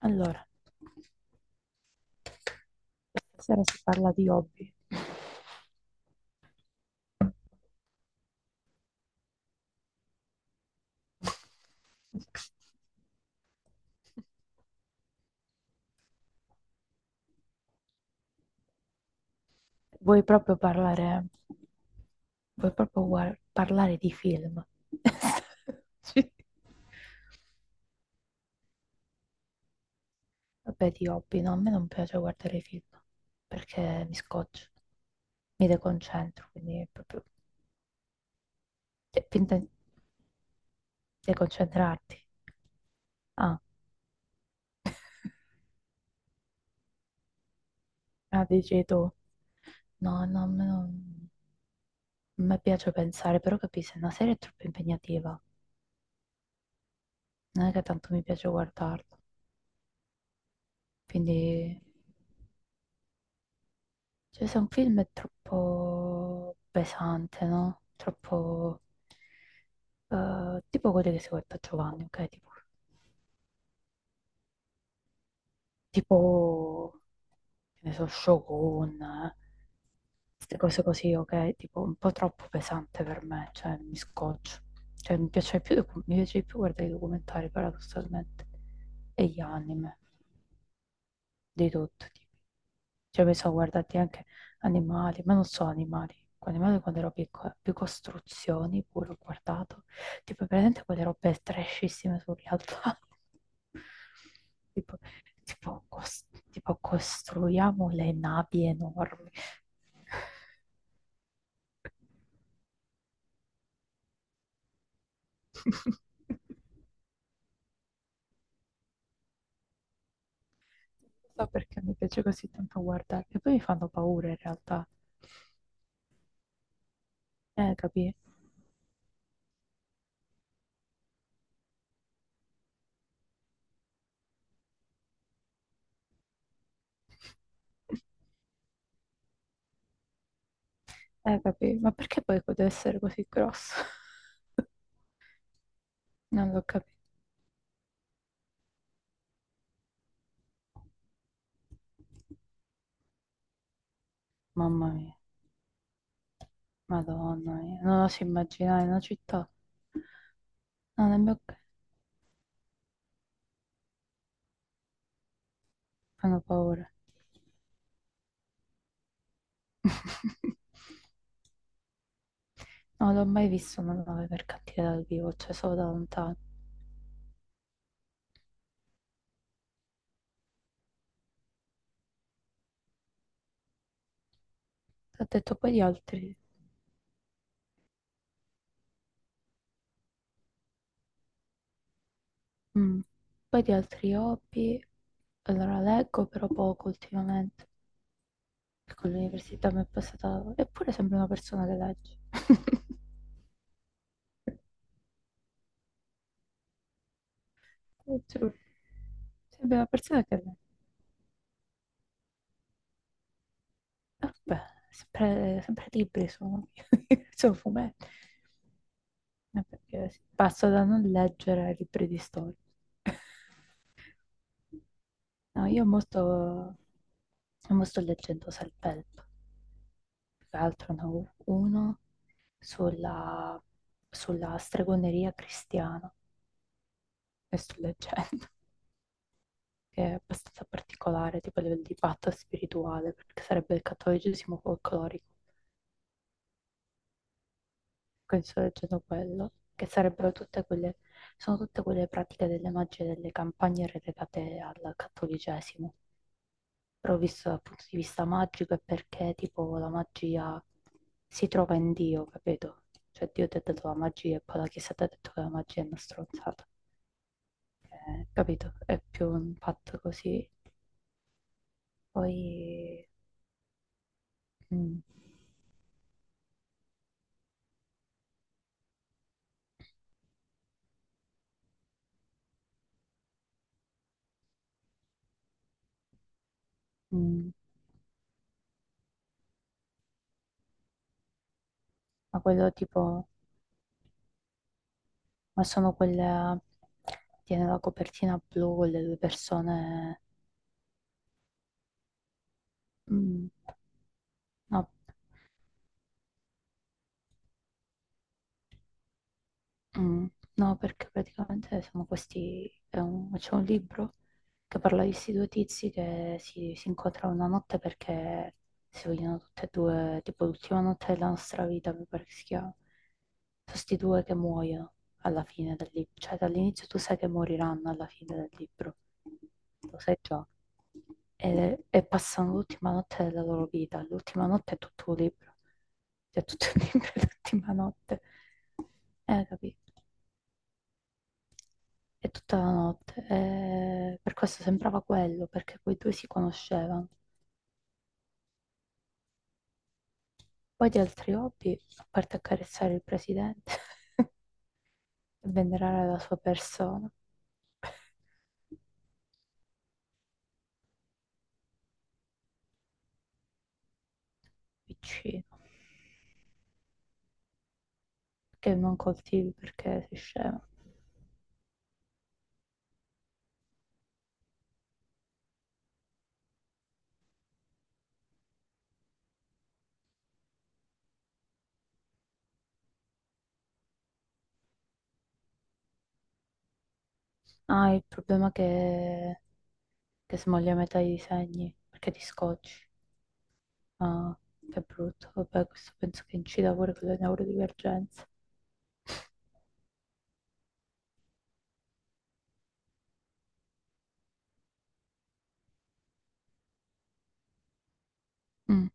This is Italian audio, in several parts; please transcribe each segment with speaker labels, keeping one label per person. Speaker 1: Allora, stasera si parla di hobby. Vuoi proprio parlare, vuoi proprio parlare di film? Sì. Vabbè, di hobby, no, a me non piace guardare i film perché mi scoccio, mi deconcentro, quindi è proprio. Cioè, finta di deconcentrarti. Ah, ah, dici tu. No, no, a me non. A me piace pensare, però capisci, una serie è troppo impegnativa. Non è che tanto mi piace guardarla. Quindi, cioè, se un film è troppo pesante, no? Troppo, tipo quelli che si guarda a Giovanni, ok? Tipo, che ne so, Shogun, eh. Queste cose così, ok? Tipo, un po' troppo pesante per me, cioè, mi scoccio. Cioè, mi piace di più guardare i documentari, paradossalmente, e gli anime. Di tutto, tipo. Cioè, mi sono guardati anche animali, ma non solo animali. Con animali quando ero piccola, più costruzioni pure ho guardato. Tipo, presente quelle robe trashissime sugli altari. Tipo, tipo, cos- tipo, costruiamo le navi enormi. Non so perché mi piace così tanto guardare. E poi mi fanno paura in realtà. Capì? Capì? Ma perché poi deve essere così grosso? Non l'ho capito. Mamma mia, Madonna mia, non oso immaginare una città. No, le mie fanno paura. Non l'ho mai visto una nave mercantile dal vivo, cioè solo da lontano. Ho detto poi di altri, mm, Poi di altri hobby. Allora leggo però poco ultimamente, perché con l'università mi è passata. Eppure sembra una persona che legge. Lo giuro. Sembra una persona che legge. Vabbè, sempre, sempre libri sono, sono fumetti. Perché sì, passo da non leggere ai libri di storia. No, io mo sto leggendo Self-Help, più che altro ne ho uno sulla, sulla stregoneria cristiana che sto leggendo, che è abbastanza particolare, tipo a livello di patto spirituale, perché sarebbe il cattolicesimo folclorico. Che sto leggendo quello, che sarebbero tutte quelle, Sono tutte quelle pratiche delle magie e delle campagne relegate al cattolicesimo, però visto dal punto di vista magico è perché tipo la magia si trova in Dio, capito? Cioè Dio ti ha dato la magia e poi la Chiesa ti ha detto che la magia è una stronzata. Capito? È più un fatto così. Poi, mm, mm, ma quello tipo, ma sono quelle, tiene la copertina blu con le due persone. Mm, No, mm, no, perché praticamente sono questi, c'è un libro che parla di questi due tizi che si incontrano una notte perché si vogliono tutte e due, tipo l'ultima notte della nostra vita, mi pare che si chiama. Sono questi due che muoiono alla fine del libro, cioè dall'inizio tu sai che moriranno alla fine del libro, lo sai già, e passano l'ultima notte della loro vita, l'ultima notte è tutto un libro, cioè tutto il libro è l'ultima notte, capito? È tutta la notte, e per questo sembrava quello, perché quei due si conoscevano. Poi di altri hobby, a parte accarezzare il presidente e venerare la sua persona, piccino. Perché non coltivi? Perché sei scema. Ah, il problema è che, smoglia metà i disegni, perché ti scocci. Ah, che brutto. Vabbè, questo penso che incida pure con le neurodivergenze. Mm,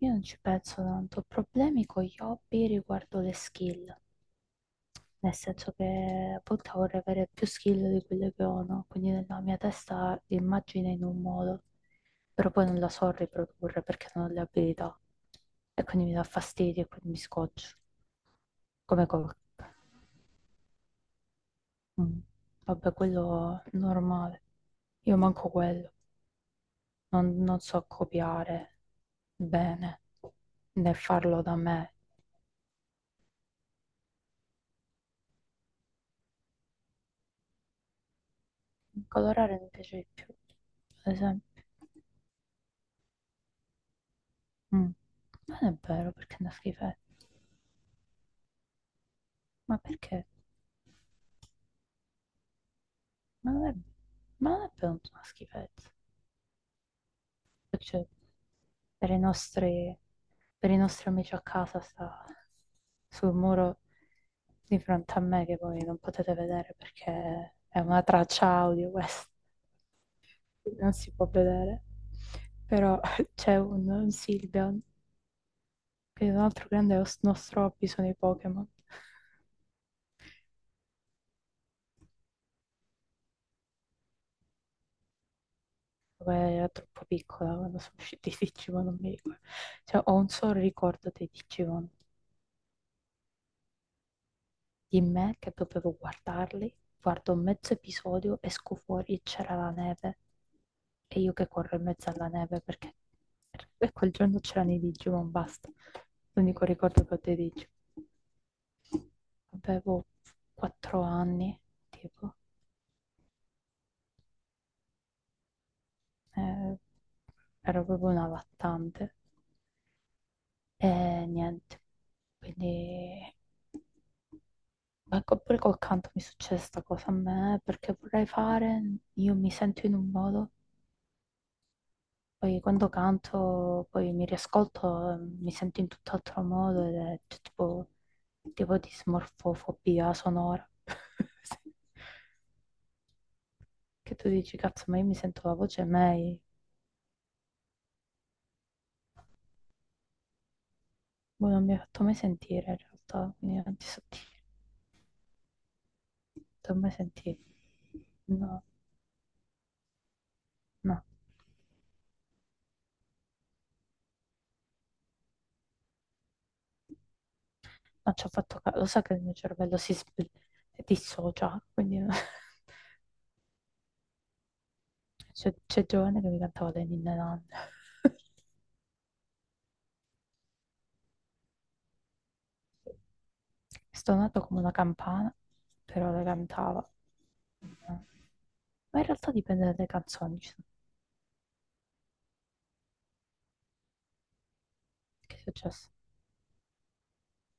Speaker 1: Io non ci penso tanto. Ho problemi con gli hobby riguardo le skill. Nel senso che appunto vorrei avere più skill di quelle che ho, no? Quindi nella mia testa l'immagine è in un modo, però poi non la so riprodurre perché non ho le abilità. E quindi mi dà fastidio e quindi mi scoccio. Come corca. Mm. Vabbè, quello normale. Io manco quello. Non so copiare bene, né farlo da me. Colorare mi piace di più, ad esempio. Mm. Non è vero, perché è una schifezza. Ma perché? Ma non è, ma non è per una schifezza. Cioè, per i nostri, per i nostri amici a casa sta sul muro di fronte a me che voi non potete vedere perché è una traccia audio questa, non si può vedere. Però c'è un Silvian, che è un altro grande nostro hobby sono i Pokémon. Quella era troppo piccola quando sono usciti i Digimon, non mi ricordo. Cioè, ho un solo ricordo dei Digimon. Di me che dovevo guardarli, guardo mezzo episodio, esco fuori e c'era la neve e io che corro in mezzo alla neve perché per quel giorno c'erano i Digimon, basta. L'unico ricordo che ho dei Digimon. Avevo 4 anni, tipo, eh, ero proprio una lattante e niente. Quindi, ma pure col canto mi succede sta cosa a me perché vorrei fare, io mi sento in un modo. Poi quando canto, poi mi riascolto, mi sento in tutt'altro modo ed è tipo di smorfofobia sonora. Sì. Che tu dici, cazzo, ma io mi sento la voce mai. Boh, non mi ha fatto mai sentire in realtà, quindi non ti so dire, non ti ho mai sentito. No, no, non ci ho fatto caso. Lo so che il mio cervello si dissocia, quindi c'è Giovanni che mi cantava le ninne nanne. Stonato come una campana, però le cantava. Ma in realtà dipende dalle canzoni. Che è successo?